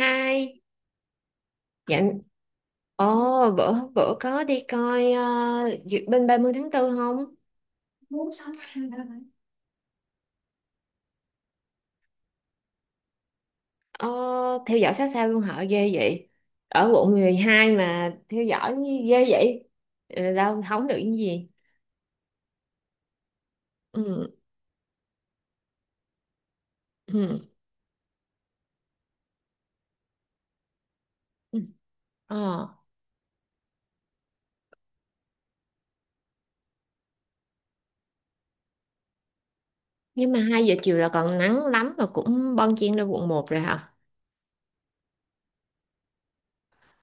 Hai, dạ, ồ, bữa bữa có đi coi duyệt binh 30 tháng 4 không? Ờ, theo dõi sát sao luôn hả? Ghê vậy. Ở quận 12 mà theo dõi ghê vậy. Ừ, đâu không được cái gì. Ừ, ừ, ừ. Ờ, nhưng mà hai giờ chiều là còn nắng lắm mà cũng bon chen lên quận một rồi hả?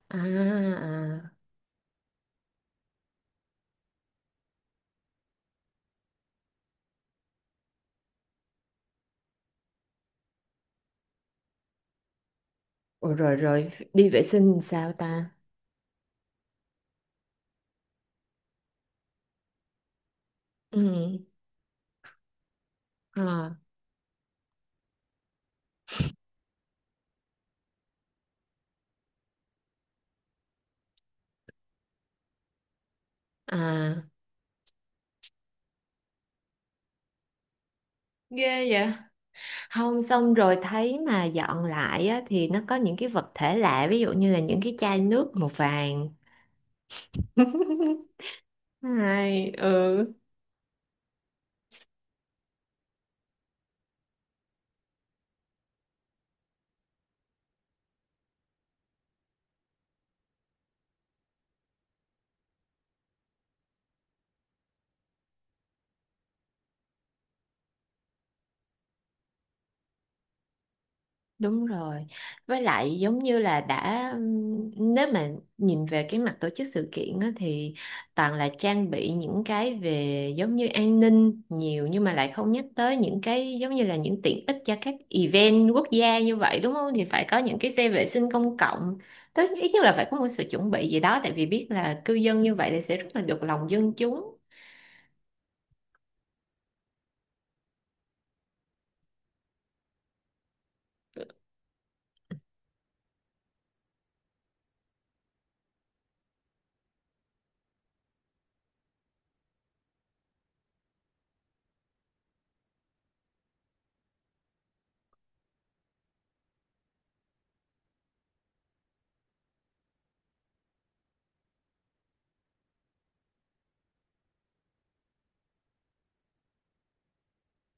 À, à. Ủa, rồi rồi, đi vệ sinh sao ta? Ừ, ờ, à, ghê vậy. Không xong rồi thấy mà dọn lại á, thì nó có những cái vật thể lạ ví dụ như là những cái chai nước màu vàng. Hay ừ. Đúng rồi. Với lại giống như là đã nếu mà nhìn về cái mặt tổ chức sự kiện á, thì toàn là trang bị những cái về giống như an ninh nhiều nhưng mà lại không nhắc tới những cái giống như là những tiện ích cho các event quốc gia như vậy đúng không? Thì phải có những cái xe vệ sinh công cộng. Tới ít nhất là phải có một sự chuẩn bị gì đó, tại vì biết là cư dân như vậy thì sẽ rất là được lòng dân chúng.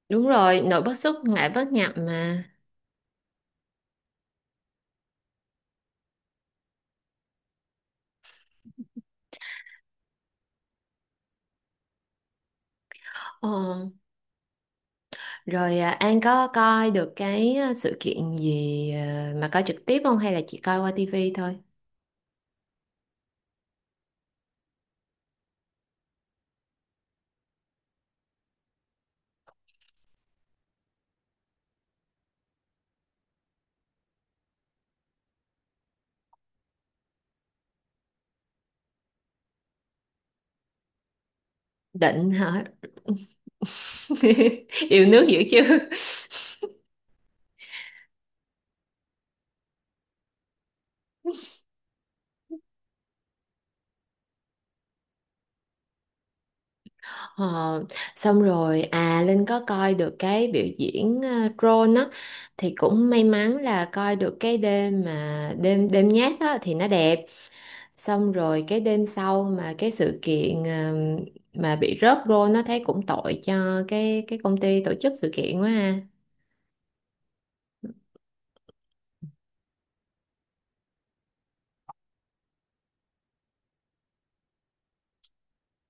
Đúng rồi, nội bất xuất ngoại bất nhập mà. Ờ, rồi à, An có coi được sự kiện gì à, mà coi trực tiếp không hay là chỉ coi qua tivi thôi? Định hả? Yêu nước dữ chứ. Ờ, xong rồi à Linh có coi được cái biểu diễn drone á, thì cũng may mắn là coi được cái đêm mà đêm đêm nhát đó thì nó đẹp. Xong rồi cái đêm sau mà cái sự kiện mà bị rớt drone nó thấy cũng tội cho cái công ty tổ chức sự kiện quá ha.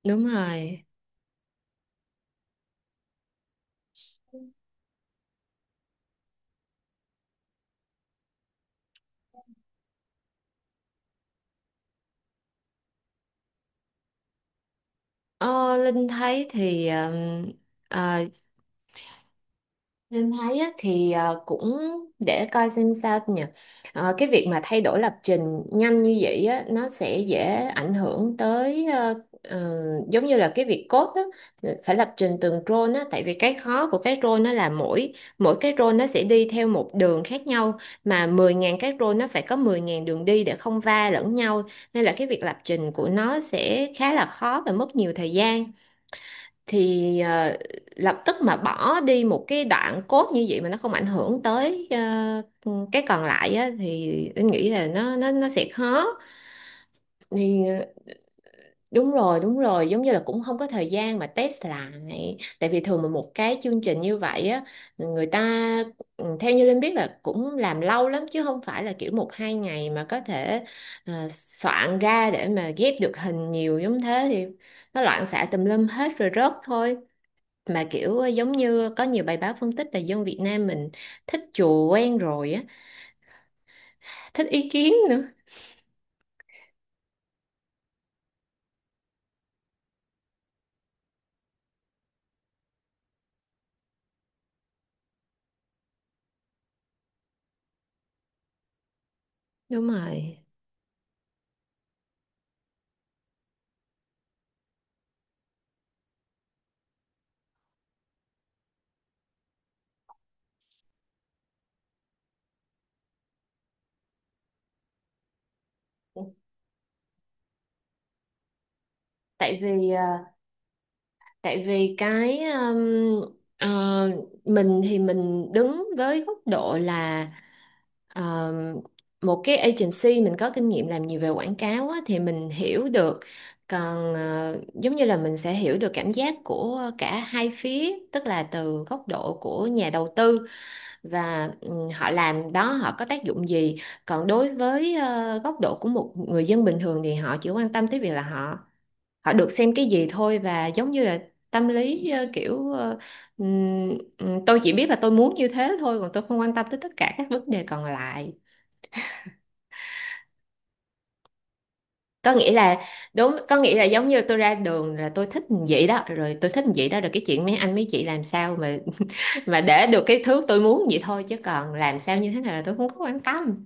Đúng rồi. Ờ, Linh thấy thì ờ, Linh thấy á, thì cũng để coi xem sao nhỉ. Ờ, cái việc mà thay đổi lập trình nhanh như vậy á, nó sẽ dễ ảnh hưởng tới ờ, giống như là cái việc code á, phải lập trình từng role á, tại vì cái khó của cái role nó là mỗi mỗi cái role nó sẽ đi theo một đường khác nhau, mà mười 000 cái role nó phải có mười 000 đường đi để không va lẫn nhau, nên là cái việc lập trình của nó sẽ khá là khó và mất nhiều thời gian. Thì lập tức mà bỏ đi một cái đoạn cốt như vậy mà nó không ảnh hưởng tới cái còn lại á, thì anh nghĩ là nó sẽ khó. Thì đúng rồi đúng rồi, giống như là cũng không có thời gian mà test lại, tại vì thường mà một cái chương trình như vậy á, người ta ừ, theo như Linh biết là cũng làm lâu lắm, chứ không phải là kiểu một hai ngày mà có thể soạn ra để mà ghép được hình nhiều giống thế, thì nó loạn xạ tùm lum hết rồi rớt thôi. Mà kiểu giống như có nhiều bài báo phân tích là dân Việt Nam mình thích chùa quen rồi á, thích ý kiến nữa. Đúng rồi. Tại vì tại vì ờ, mình thì mình đứng với góc độ là um, một cái agency, mình có kinh nghiệm làm nhiều về quảng cáo á, thì mình hiểu được. Còn giống như là mình sẽ hiểu được cảm giác của cả hai phía, tức là từ góc độ của nhà đầu tư và ừ, họ làm đó họ có tác dụng gì. Còn đối với góc độ của một người dân bình thường thì họ chỉ quan tâm tới việc là họ họ được xem cái gì thôi. Và giống như là tâm lý tôi chỉ biết là tôi muốn như thế thôi, còn tôi không quan tâm tới tất cả các vấn đề còn lại. Có nghĩa là đúng, có nghĩa là giống như tôi ra đường là tôi thích vậy đó, rồi tôi thích vậy đó, rồi cái chuyện mấy anh mấy chị làm sao mà mà để được cái thứ tôi muốn vậy thôi, chứ còn làm sao như thế nào là tôi không có quan tâm.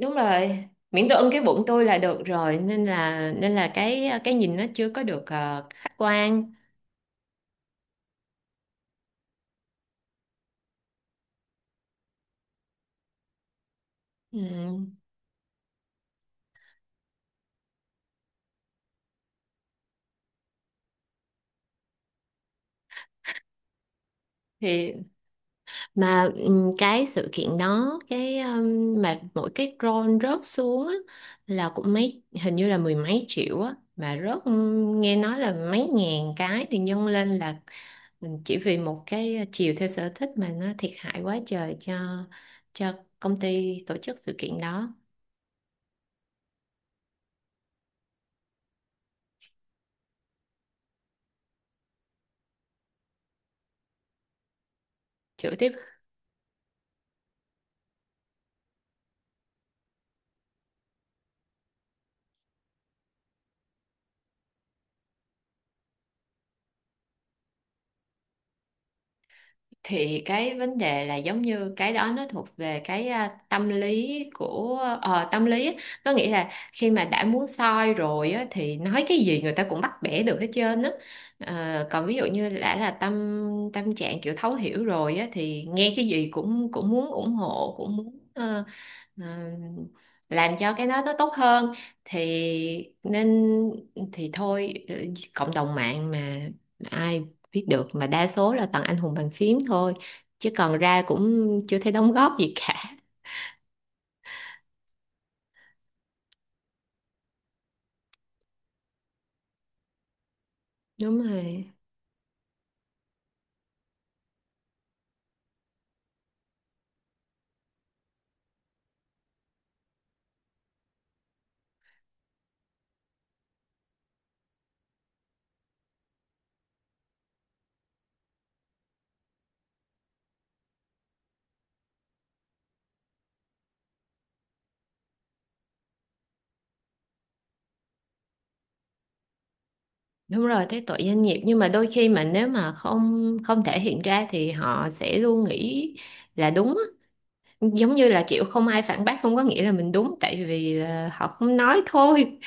Đúng rồi, miễn tôi ưng cái bụng tôi là được rồi, nên là cái nhìn nó chưa có được khách quan. Ừ. Thì mà ừ, cái sự kiện đó cái mà mỗi cái drone rớt xuống á, là cũng mấy hình như là mười mấy triệu á mà rớt. Ừ, nghe nói là mấy ngàn cái thì nhân lên là chỉ vì một cái chiều theo sở thích mà nó thiệt hại quá trời cho cho công ty tổ chức sự kiện đó. Chữa tiếp, thì cái vấn đề là giống như cái đó nó thuộc về cái à, tâm lý của tâm lý á. Nó nghĩa là khi mà đã muốn soi rồi á, thì nói cái gì người ta cũng bắt bẻ được hết trơn á. Ờ, còn ví dụ như đã là tâm tâm trạng kiểu thấu hiểu rồi á, thì nghe cái gì cũng cũng muốn ủng hộ, cũng muốn ờ, làm cho cái đó nó tốt hơn. Thì nên thì thôi cộng đồng mạng mà, ai viết được mà đa số là toàn anh hùng bàn phím thôi, chứ còn ra cũng chưa thấy đóng góp gì cả. Đúng rồi đúng rồi, thấy tội doanh nghiệp nhưng mà đôi khi mà nếu mà không không thể hiện ra thì họ sẽ luôn nghĩ là đúng á. Giống như là kiểu không ai phản bác không có nghĩa là mình đúng, tại vì là họ không nói thôi.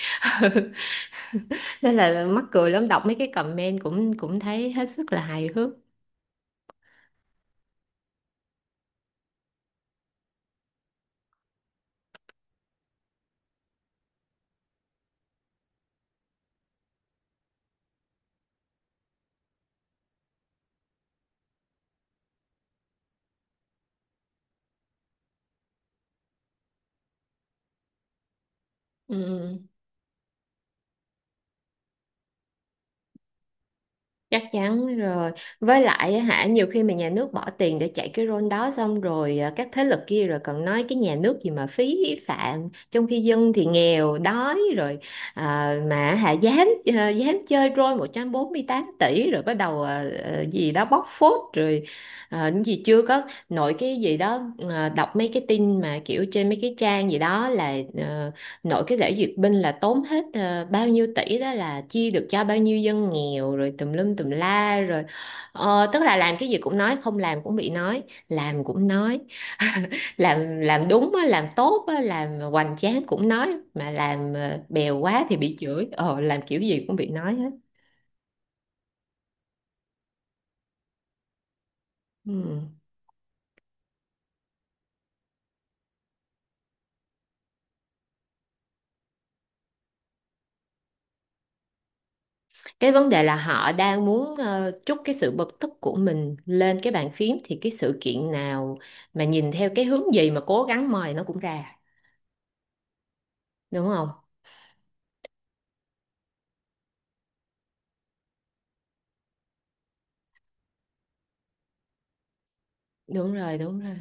Ừ, nên là mắc cười lắm, đọc mấy cái comment cũng cũng thấy hết sức là hài hước. Ừ. Chắc chắn rồi, với lại á hả, nhiều khi mà nhà nước bỏ tiền để chạy cái role đó xong rồi à, các thế lực kia rồi còn nói cái nhà nước gì mà phí phạm, trong khi dân thì nghèo đói rồi à, mà hả dám à, dám chơi role 148 tỷ rồi bắt đầu à, à, gì đó bóc phốt rồi à, những gì chưa có, nội cái gì đó à, đọc mấy cái tin mà kiểu trên mấy cái trang gì đó là nội cái lễ duyệt binh là tốn hết bao nhiêu tỷ đó là chia được cho bao nhiêu dân nghèo rồi tùm lum tùm la rồi. Ờ, tức là làm cái gì cũng nói, không làm cũng bị nói, làm cũng nói, làm đúng á, làm tốt á, làm hoành tráng cũng nói, mà làm bèo quá thì bị chửi, ờ làm kiểu gì cũng bị nói hết. Ừ. Cái vấn đề là họ đang muốn trút cái sự bực tức của mình lên cái bàn phím, thì cái sự kiện nào mà nhìn theo cái hướng gì mà cố gắng mời nó cũng ra. Đúng không? Đúng rồi đúng rồi,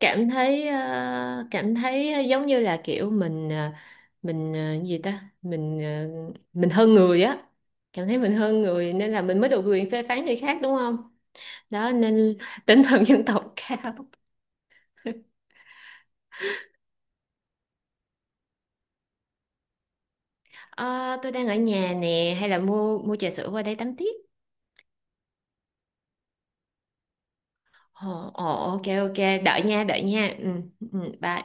cảm thấy cảm thấy giống như là kiểu gì ta, mình hơn người á, cảm thấy mình hơn người nên là mình mới được quyền phê phán người khác, đúng không? Đó nên tinh thần dân tộc cao. Ờ, tôi đang ở nhà nè, hay là mua mua trà sữa qua đây tắm tiếp. Ồ ồ, ok ok, đợi nha ừ, ừ, bye.